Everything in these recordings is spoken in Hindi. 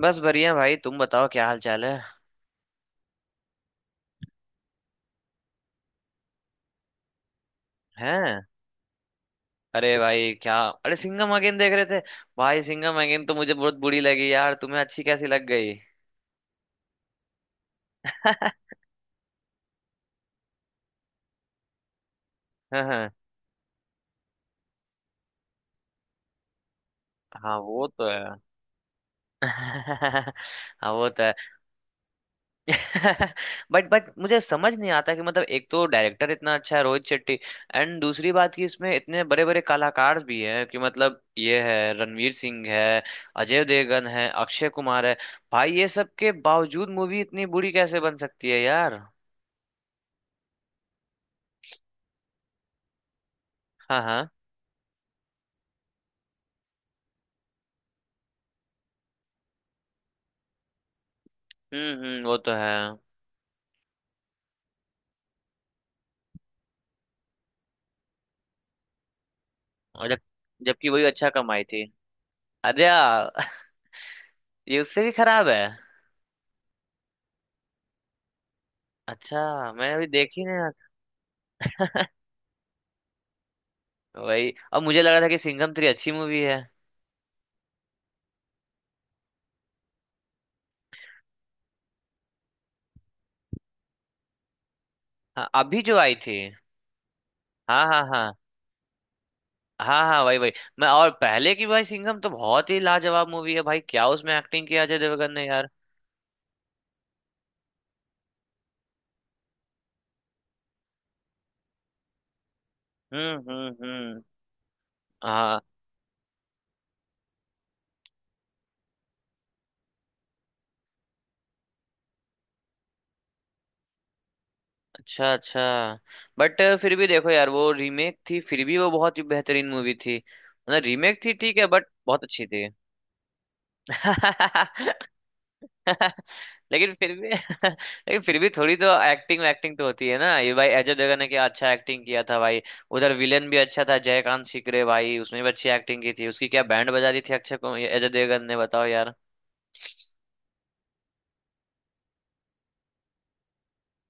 बस बढ़िया भाई। तुम बताओ क्या हाल चाल है। हैं। अरे भाई क्या, अरे सिंघम अगेन देख रहे थे। भाई सिंघम अगेन तो मुझे बहुत बुरी लगी यार, तुम्हें अच्छी कैसी लग गई? हाँ हाँ। हाँ, वो तो है। हाँ, वो तो है। बट मुझे समझ नहीं आता कि मतलब एक तो डायरेक्टर इतना अच्छा है रोहित शेट्टी, एंड दूसरी बात कि इसमें इतने बड़े बड़े कलाकार भी हैं कि मतलब ये है, रणवीर सिंह है, अजय देवगन है, अक्षय कुमार है। भाई ये सब के बावजूद मूवी इतनी बुरी कैसे बन सकती है यार। हाँ हाँ। हम्म, वो तो है। और जब जबकि वही अच्छा कमाई थी। अरे यार, ये उससे भी खराब है। अच्छा, मैं अभी देखी नहीं यार। वही, अब मुझे लगा था कि सिंघम थ्री अच्छी मूवी है। हाँ, अभी जो आई थी। हाँ हाँ हाँ। हाँ हाँ, वही वही। मैं और पहले की भाई सिंघम तो बहुत ही लाजवाब मूवी है भाई, क्या उसमें एक्टिंग किया अजय देवगन ने यार। हम्म। हाँ। अच्छा अच्छा। बट फिर भी देखो यार, वो रीमेक थी फिर भी वो बहुत ही बेहतरीन मूवी थी, मतलब रीमेक थी ठीक है बट बहुत अच्छी थी। लेकिन फिर भी, लेकिन फिर भी थोड़ी तो एक्टिंग एक्टिंग तो होती है ना। ये भाई अजय देवगन ने क्या अच्छा एक्टिंग किया था भाई। उधर विलेन भी अच्छा था जयकांत सिकरे भाई, उसने भी अच्छी एक्टिंग की थी। उसकी क्या बैंड बजा दी थी अक्षय कुमार ये अजय देवगन ने, बताओ यार।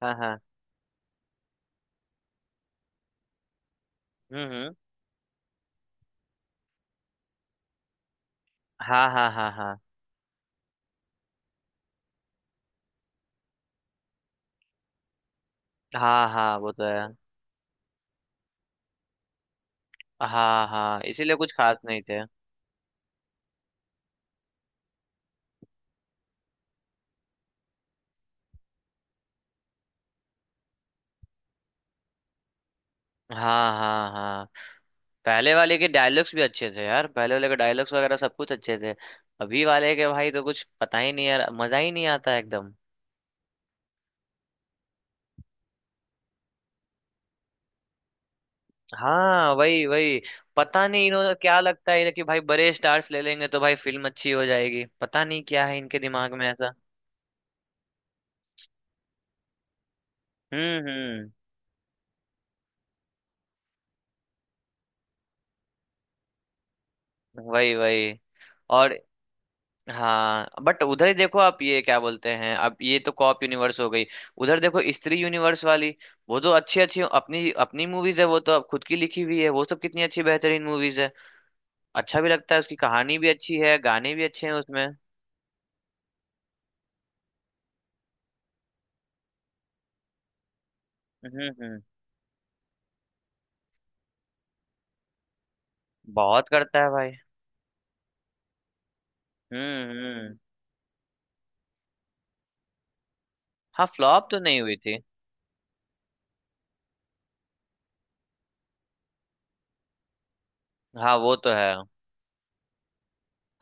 हाँ हाँ। हम्म। हाँ हाँ हाँ हाँ। हाँ हाँ, वो तो है। हाँ हाँ, इसीलिए कुछ खास नहीं थे। हाँ हाँ हाँ। पहले वाले के डायलॉग्स भी अच्छे थे यार, पहले वाले के डायलॉग्स वगैरह सब कुछ अच्छे थे। अभी वाले के भाई तो कुछ पता ही नहीं यार, मजा ही नहीं आता एकदम। हाँ, वही वही। पता नहीं इन्होंने क्या लगता है कि भाई बड़े स्टार्स ले लेंगे तो भाई फिल्म अच्छी हो जाएगी, पता नहीं क्या है इनके दिमाग में ऐसा। हम्म, वही वही। और हाँ, बट उधर ही देखो आप। ये क्या बोलते हैं अब ये तो कॉप यूनिवर्स हो गई। उधर देखो स्त्री यूनिवर्स वाली, वो तो अच्छी अच्छी अपनी अपनी मूवीज है। वो तो अब खुद की लिखी हुई है, वो सब कितनी अच्छी बेहतरीन मूवीज है। अच्छा भी लगता है, उसकी कहानी भी अच्छी है, गाने भी अच्छे हैं उसमें। हम्म। बहुत करता है भाई। हम्म। हाँ, फ्लॉप तो नहीं हुई थी। हाँ, वो तो है।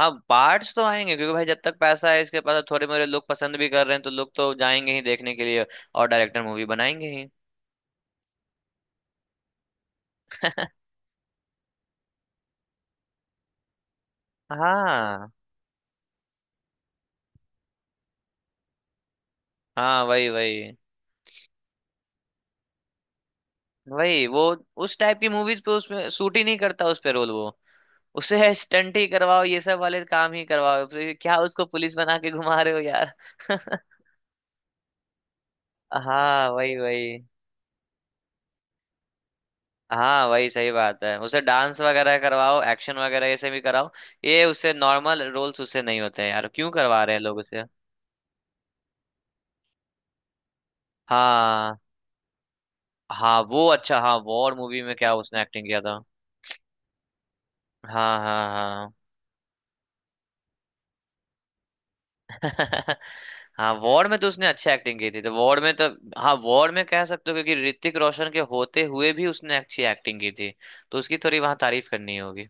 हाँ, पार्ट्स तो आएंगे क्योंकि भाई जब तक पैसा है इसके पास थोड़े मोरे लोग पसंद भी कर रहे हैं तो लोग तो जाएंगे ही देखने के लिए, और डायरेक्टर मूवी बनाएंगे ही। हाँ हाँ, वही वही वही। वो उस टाइप की मूवीज पे, उसमें सूट ही नहीं करता उस पे रोल वो। उसे स्टंट ही करवाओ, ये सब वाले काम ही करवाओ, फिर क्या उसको पुलिस बना के घुमा रहे हो यार। हाँ, वही वही। हाँ, वही सही बात है, उसे डांस वगैरह करवाओ, एक्शन वगैरह ये से भी कराओ। ये उससे नॉर्मल रोल्स उससे नहीं होते हैं यार, क्यों करवा रहे हैं लोग उसे। हाँ हाँ, वो अच्छा। हाँ, वॉर मूवी में क्या उसने एक्टिंग किया था। हाँ हाँ हाँ। हाँ, वॉर में तो उसने अच्छी एक्टिंग की थी, तो वॉर में तो हाँ, वॉर में कह सकते हो क्योंकि ऋतिक रोशन के होते हुए भी उसने अच्छी एक्टिंग की थी, तो उसकी थोड़ी वहां तारीफ करनी होगी।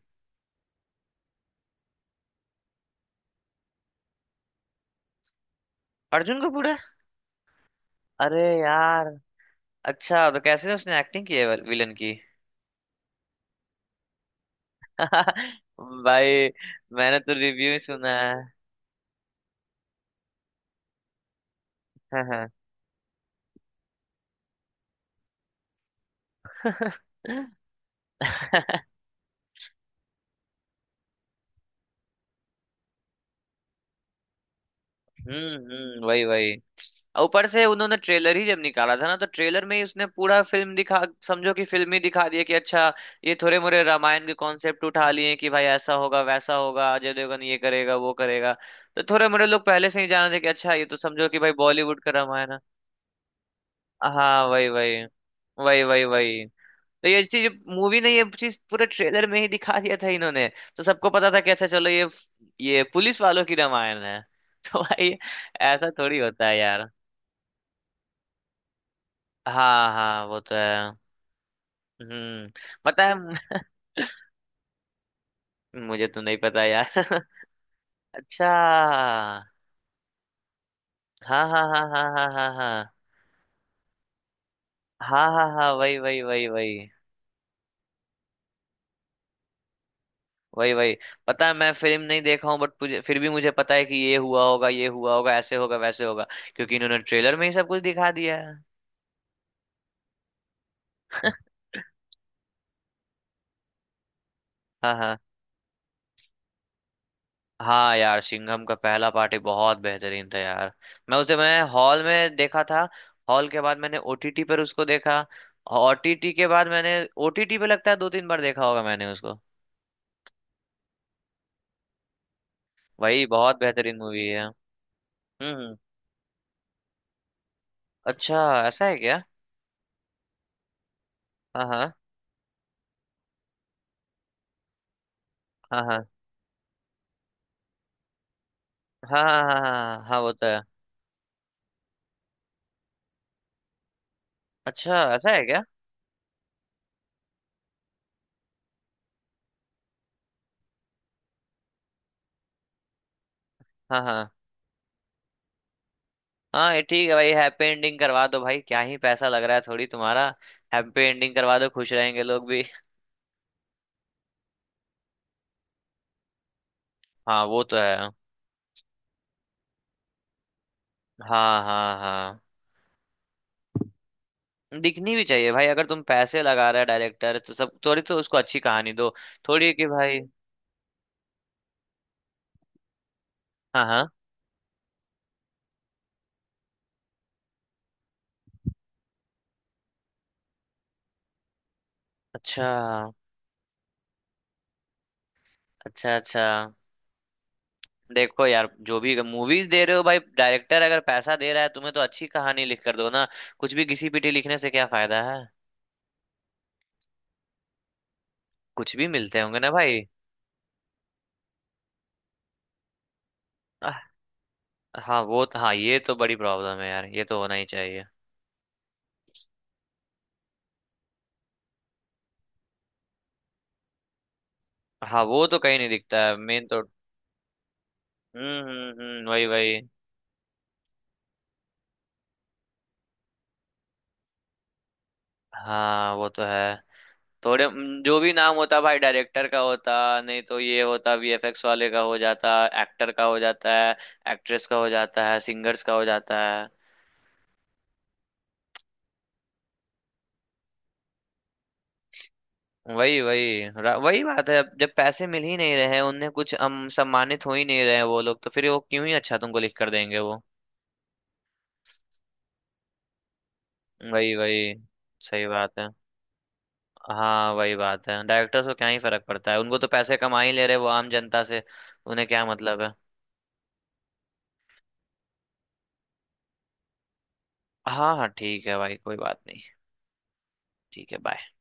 अर्जुन कपूर है? अरे यार। अच्छा, तो कैसे उसने एक्टिंग की है विलन की? भाई, मैंने तो रिव्यू सुना है। हम्म, वही वही। ऊपर से उन्होंने ट्रेलर ही जब निकाला था ना, तो ट्रेलर में ही उसने पूरा फिल्म दिखा, समझो कि फिल्म ही दिखा दिया कि अच्छा, ये थोड़े मोरे रामायण के कॉन्सेप्ट उठा लिए कि भाई ऐसा होगा वैसा होगा, अजय देवगन ये करेगा वो करेगा। तो थोड़े मोरे लोग पहले से ही जान रहे थे कि अच्छा, ये तो समझो कि भाई बॉलीवुड का रामायण है। हाँ, वही वही वही वही वही। तो ये चीज मूवी ने, ये चीज पूरे ट्रेलर में ही दिखा दिया था इन्होंने। तो सबको पता था कि अच्छा चलो ये पुलिस वालों की रामायण है। तो भाई, ऐसा थोड़ी होता है यार। हाँ हाँ, वो तो है। हम्म। पता है? मुझे तो नहीं पता यार। अच्छा। हाँ हाँ हाँ हाँ हाँ हाँ हाँ हाँ हाँ हाँ हाँ, वही वही वही वही वही वही। पता है मैं फिल्म नहीं देखा हूँ बट मुझे फिर भी मुझे पता है कि ये हुआ होगा, ये हुआ होगा, ऐसे होगा वैसे होगा, क्योंकि इन्होंने ट्रेलर में ही सब कुछ दिखा दिया है। हाँ हाँ। हाँ यार, सिंघम का पहला पार्टी बहुत बेहतरीन था यार। मैं हॉल में देखा था। हॉल के बाद मैंने ओटीटी पर उसको देखा। ओटीटी के बाद मैंने ओटीटी पे लगता है दो तीन बार देखा होगा मैंने उसको। भाई बहुत बेहतरीन मूवी है। हम्म हम्म। अच्छा, ऐसा है क्या? हाँ हाँ हाँ हाँ हाँ हाँ हाँ हाँ हाँ, वो तो है। अच्छा, ऐसा है क्या? हाँ हाँ हाँ। ये ठीक है भाई, हैप्पी एंडिंग करवा दो भाई, क्या ही पैसा लग रहा है थोड़ी तुम्हारा। हैप्पी एंडिंग करवा दो, खुश रहेंगे लोग भी। हाँ, वो तो है। हाँ हाँ हाँ। दिखनी भी चाहिए भाई, अगर तुम पैसे लगा रहे डायरेक्टर तो सब थोड़ी तो उसको अच्छी कहानी दो। थोड़ी है कि भाई। हाँ हाँ। अच्छा अच्छा। अच्छा देखो यार, जो भी मूवीज दे रहे हो भाई डायरेक्टर अगर पैसा दे रहा है तुम्हें तो अच्छी कहानी लिख कर दो ना, कुछ भी घिसी पिटी लिखने से क्या फायदा है। कुछ भी मिलते होंगे ना भाई। आह। हाँ, वो तो हाँ ये तो बड़ी प्रॉब्लम है यार, ये तो होना ही चाहिए। हाँ, वो तो कहीं नहीं दिखता है मेन तो। हम्म, वही वही। हाँ, वो तो है। जो भी नाम होता भाई डायरेक्टर का होता, नहीं तो ये होता वीएफएक्स वाले का हो जाता, एक्टर का हो जाता है, एक्ट्रेस का हो जाता है, सिंगर्स का हो जाता है। वही वही। वही बात है, अब जब पैसे मिल ही नहीं रहे हैं उन्हें कुछ, हम सम्मानित हो ही नहीं रहे हैं वो लोग, तो फिर वो क्यों ही अच्छा तुमको लिख कर देंगे वो। वही वही। सही बात है। हाँ, वही बात है, डायरेक्टर्स को क्या ही फर्क पड़ता है, उनको तो पैसे कमा ही ले रहे हैं वो आम जनता से, उन्हें क्या मतलब है। हाँ हाँ, ठीक है भाई कोई बात नहीं। ठीक है, बाय।